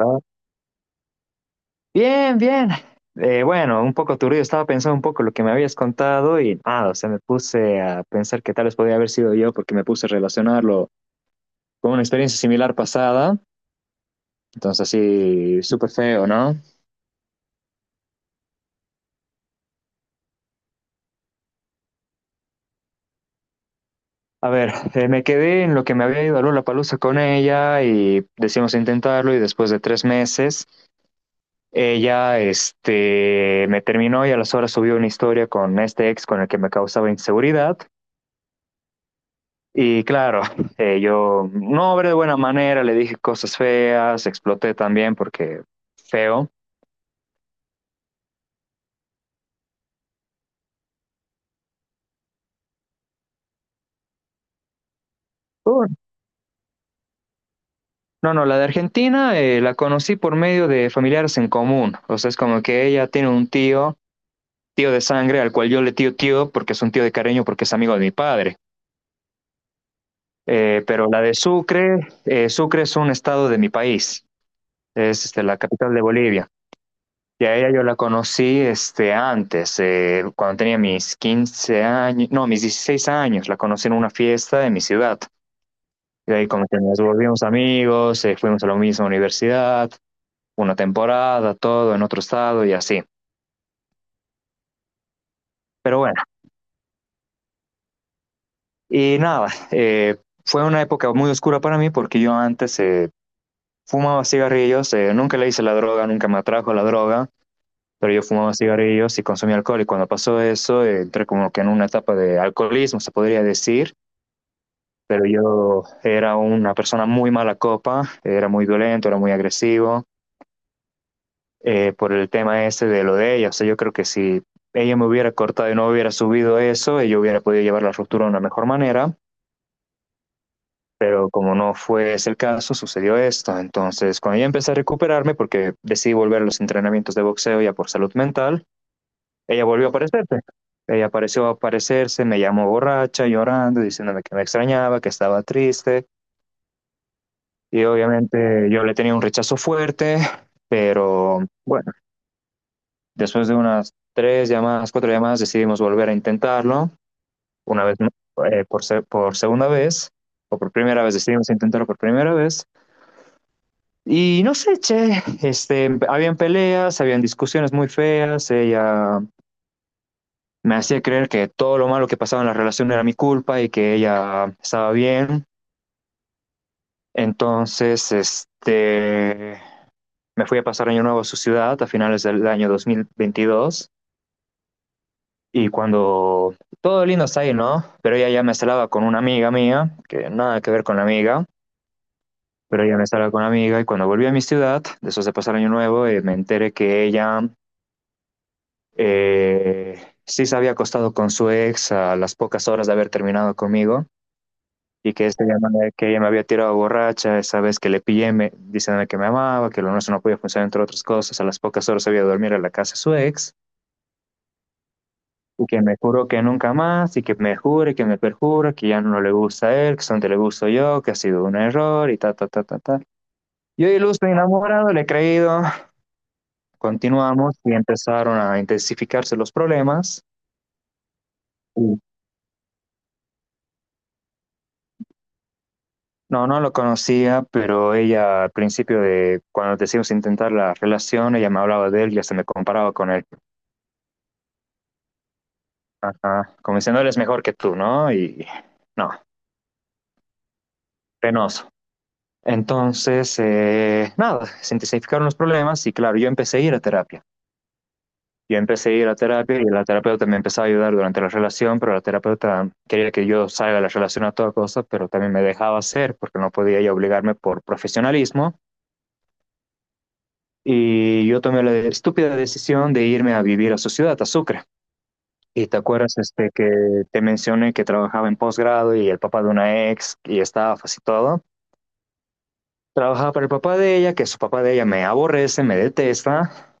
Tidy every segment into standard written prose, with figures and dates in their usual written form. Ah, Bien, bien. Bueno, un poco turbido. Estaba pensando un poco lo que me habías contado y nada, o sea, me puse a pensar que tal vez podía haber sido yo porque me puse a relacionarlo con una experiencia similar pasada. Entonces, así, súper feo, ¿no? A ver, me quedé en lo que me había ido a Lollapalooza con ella y decidimos intentarlo y después de tres meses, ella, me terminó y a las horas subió una historia con este ex con el que me causaba inseguridad. Y claro, yo no obré de buena manera, le dije cosas feas, exploté también porque feo. Uh, No, no, la de Argentina la conocí por medio de familiares en común. O sea, es como que ella tiene un tío, tío de sangre, al cual yo le tío tío porque es un tío de cariño, porque es amigo de mi padre. Pero la de Sucre, Sucre es un estado de mi país, es la capital de Bolivia. Ya ella yo la conocí antes, cuando tenía mis 15 años, no, mis 16 años, la conocí en una fiesta de mi ciudad. Y de ahí como que nos volvimos amigos, fuimos a la misma universidad, una temporada, todo en otro estado y así. Pero bueno, y nada, fue una época muy oscura para mí porque yo antes fumaba cigarrillos, nunca le hice la droga, nunca me atrajo la droga, pero yo fumaba cigarrillos y consumía alcohol y cuando pasó eso entré como que en una etapa de alcoholismo, se podría decir, pero yo era una persona muy mala copa, era muy violento, era muy agresivo, por el tema ese de lo de ella. O sea, yo creo que si ella me hubiera cortado y no hubiera subido eso, yo hubiera podido llevar la ruptura de una mejor manera, pero como no fue ese el caso, sucedió esto. Entonces, cuando yo empecé a recuperarme, porque decidí volver a los entrenamientos de boxeo ya por salud mental, ella volvió a aparecerse. Ella apareció a aparecerse, me llamó borracha, llorando, diciéndome que me extrañaba, que estaba triste. Y obviamente yo le tenía un rechazo fuerte, pero bueno, después de unas tres llamadas, cuatro llamadas, decidimos volver a intentarlo. Una vez, por segunda vez, o por primera vez, decidimos intentarlo por primera vez. Y no sé, che, habían peleas, habían discusiones muy feas, ella me hacía creer que todo lo malo que pasaba en la relación era mi culpa y que ella estaba bien. Entonces, me fui a pasar Año Nuevo a su ciudad a finales del año 2022 y cuando todo lindo está ahí, ¿no? Pero ella ya me instalaba con una amiga mía, que nada que ver con la amiga, pero ella me instalaba con la amiga y cuando volví a mi ciudad, después de pasar Año Nuevo, me enteré que ella eh, sí se había acostado con su ex a las pocas horas de haber terminado conmigo y que que ella me había tirado borracha esa vez que le pillé me, diciéndome que me amaba, que lo nuestro no podía funcionar entre otras cosas, a las pocas horas había de dormir a la casa de su ex y que me juró que nunca más, y que me jure, que me perjure, que ya no le gusta a él, que solamente le gusto yo, que ha sido un error, y ta, ta, ta, ta, ta. Yo iluso enamorado, le he creído, continuamos y empezaron a intensificarse los problemas. Y No, no lo conocía, pero ella al principio de cuando decidimos intentar la relación, ella me hablaba de él y hasta me comparaba con él. Ajá, como diciendo, él es mejor que tú, ¿no? Y no, penoso. Entonces, nada, se intensificaron los problemas y claro, yo empecé a ir a terapia. Yo empecé a ir a terapia y la terapeuta me empezó a ayudar durante la relación, pero la terapeuta quería que yo salga de la relación a toda cosa, pero también me dejaba hacer porque no podía ella obligarme por profesionalismo. Y yo tomé la estúpida decisión de irme a vivir a su ciudad, a Sucre. Y te acuerdas que te mencioné que trabajaba en posgrado y el papá de una ex y estafas y todo. Trabajaba para el papá de ella, que su papá de ella me aborrece, me detesta.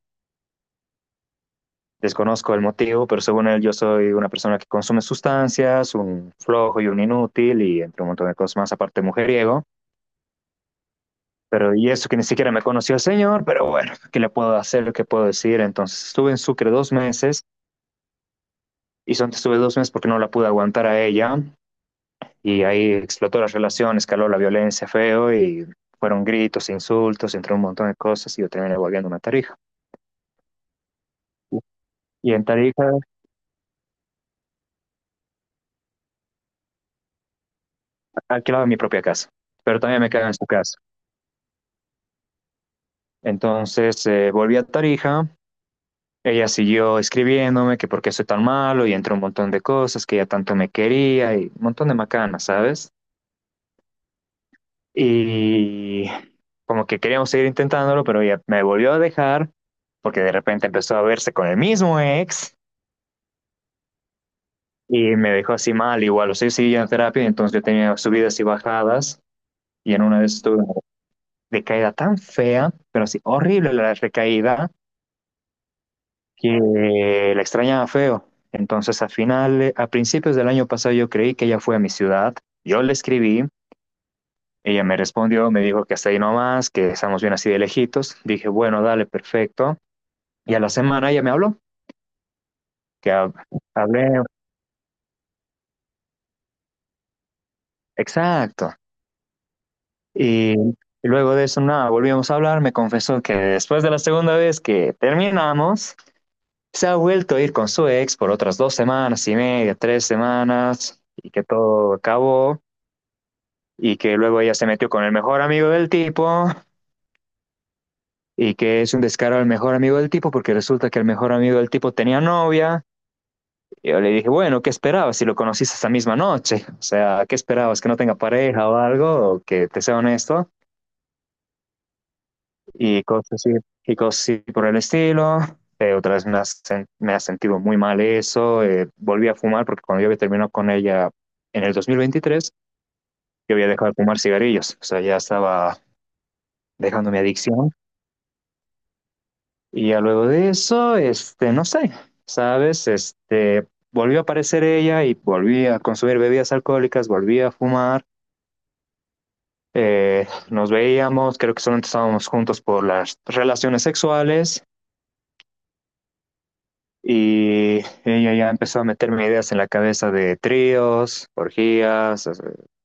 Desconozco el motivo, pero según él yo soy una persona que consume sustancias, un flojo y un inútil y entre un montón de cosas más, aparte mujeriego. Pero y eso que ni siquiera me conoció el señor, pero bueno, ¿qué le puedo hacer? ¿Qué puedo decir? Entonces estuve en Sucre dos meses y solamente estuve dos meses porque no la pude aguantar a ella y ahí explotó la relación, escaló la violencia feo y fueron gritos, insultos, entre un montón de cosas y yo terminé volviendo a Tarija. Y en Tarija alquilaba mi propia casa, pero también me quedaba en su casa. Entonces volví a Tarija, ella siguió escribiéndome que por qué soy tan malo y entró un montón de cosas, que ella tanto me quería y un montón de macanas, ¿sabes? Y como que queríamos seguir intentándolo, pero ella me volvió a dejar porque de repente empezó a verse con el mismo ex y me dejó así mal, igual, o sea, yo seguía en terapia, entonces yo tenía subidas y bajadas y en una vez tuve una recaída tan fea, pero así horrible la recaída, que la extrañaba feo. Entonces, a final, a principios del año pasado, yo creí que ella fue a mi ciudad. Yo le escribí, ella me respondió, me dijo que hasta ahí nomás, que estamos bien así de lejitos. Dije, bueno, dale, perfecto. Y a la semana ella me habló, que hab- hablé, exacto. Y luego de eso, nada, volvimos a hablar. Me confesó que después de la segunda vez que terminamos, se ha vuelto a ir con su ex por otras dos semanas y media, tres semanas, y que todo acabó. Y que luego ella se metió con el mejor amigo del tipo y que es un descaro al mejor amigo del tipo porque resulta que el mejor amigo del tipo tenía novia. Y yo le dije, bueno, ¿qué esperabas si lo conociste esa misma noche? O sea, ¿qué esperabas? ¿Que no tenga pareja o algo? ¿O que te sea honesto? Y cosas así, y cosas así por el estilo. Otra vez me ha sentido muy mal eso. Volví a fumar porque cuando yo había terminado con ella en el 2023, yo había dejado de fumar cigarrillos. O sea, ya estaba dejando mi adicción. Y ya luego de eso, no sé, ¿sabes? Volvió a aparecer ella y volví a consumir bebidas alcohólicas, volví a fumar, nos veíamos, creo que solamente estábamos juntos por las relaciones sexuales y ella ya empezó a meterme ideas en la cabeza de tríos, orgías,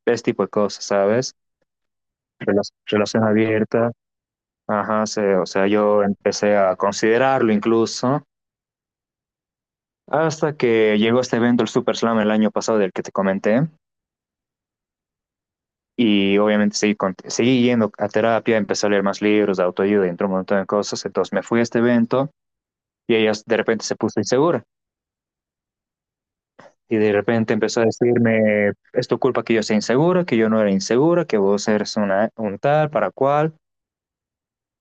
ese tipo de cosas, ¿sabes? Relación abierta, ajá, o sea, yo empecé a considerarlo incluso. Hasta que llegó este evento, el Super Slam, el año pasado del que te comenté, y obviamente seguí yendo a terapia, empecé a leer más libros de autoayuda y entró un montón de cosas, entonces me fui a este evento y ella de repente se puso insegura y de repente empezó a decirme, es tu culpa que yo sea insegura, que yo no era insegura, que vos eres una, un tal, para cual,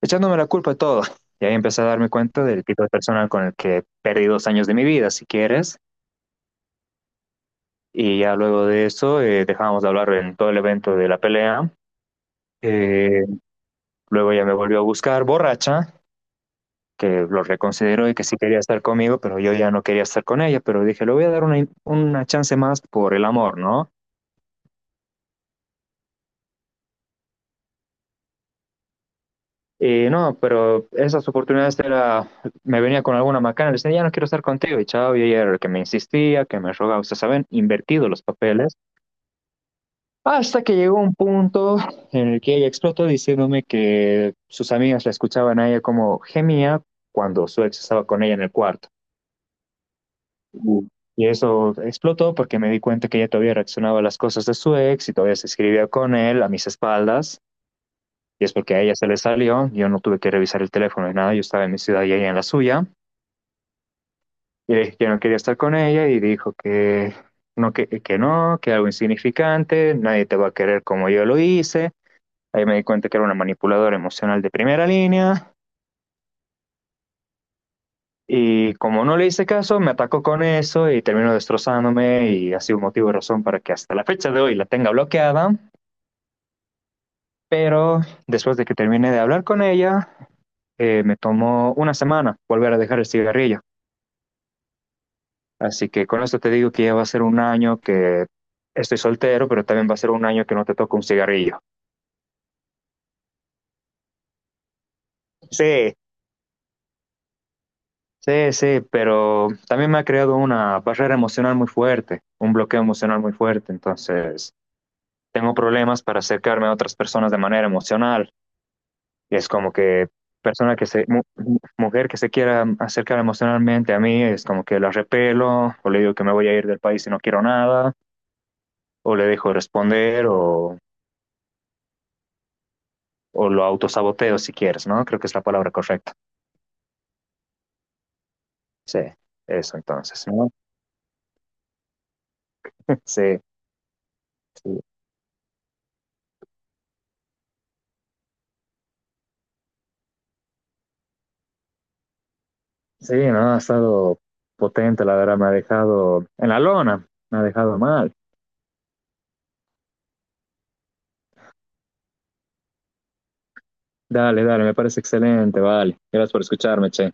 echándome la culpa de todo. Y ahí empecé a darme cuenta del tipo de persona con el que perdí dos años de mi vida, si quieres. Y ya luego de eso dejamos de hablar en todo el evento de la pelea. Eh, Luego ella me volvió a buscar borracha, que lo reconsideró y que sí quería estar conmigo, pero yo ya no quería estar con ella, pero dije, le voy a dar una chance más por el amor, ¿no? Y no, pero esas oportunidades era, me venía con alguna macana, le decía, ya no quiero estar contigo, y chao, y ella era el que me insistía, que me rogaba, ustedes saben, invertido los papeles, hasta que llegó un punto en el que ella explotó diciéndome que sus amigas la escuchaban a ella como gemía cuando su ex estaba con ella en el cuarto. Uh, Y eso explotó porque me di cuenta que ella todavía reaccionaba a las cosas de su ex y todavía se escribía con él a mis espaldas. Y es porque a ella se le salió, yo no tuve que revisar el teléfono ni nada, yo estaba en mi ciudad y ella en la suya. Y le dije que no quería estar con ella y dijo que que no, que algo insignificante, nadie te va a querer como yo lo hice. Ahí me di cuenta que era una manipuladora emocional de primera línea. Y como no le hice caso, me atacó con eso y terminó destrozándome y ha sido motivo y razón para que hasta la fecha de hoy la tenga bloqueada. Pero después de que terminé de hablar con ella, me tomó una semana volver a dejar el cigarrillo. Así que con esto te digo que ya va a ser un año que estoy soltero, pero también va a ser un año que no te toco un cigarrillo. Sí, sí, sí, pero también me ha creado una barrera emocional muy fuerte, un bloqueo emocional muy fuerte. Entonces tengo problemas para acercarme a otras personas de manera emocional. Y es como que persona que se, mu- mujer que se quiera acercar emocionalmente a mí, es como que la repelo, o le digo que me voy a ir del país y no quiero nada, o le dejo de responder, o lo autosaboteo si quieres, ¿no? Creo que es la palabra correcta. Sí, eso entonces, ¿no? Sí, sí, sí, no, ha estado potente, la verdad, me ha dejado en la lona, me ha dejado mal. Dale, dale, me parece excelente, vale. Gracias por escucharme, che.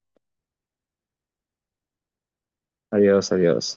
Adiós, adiós.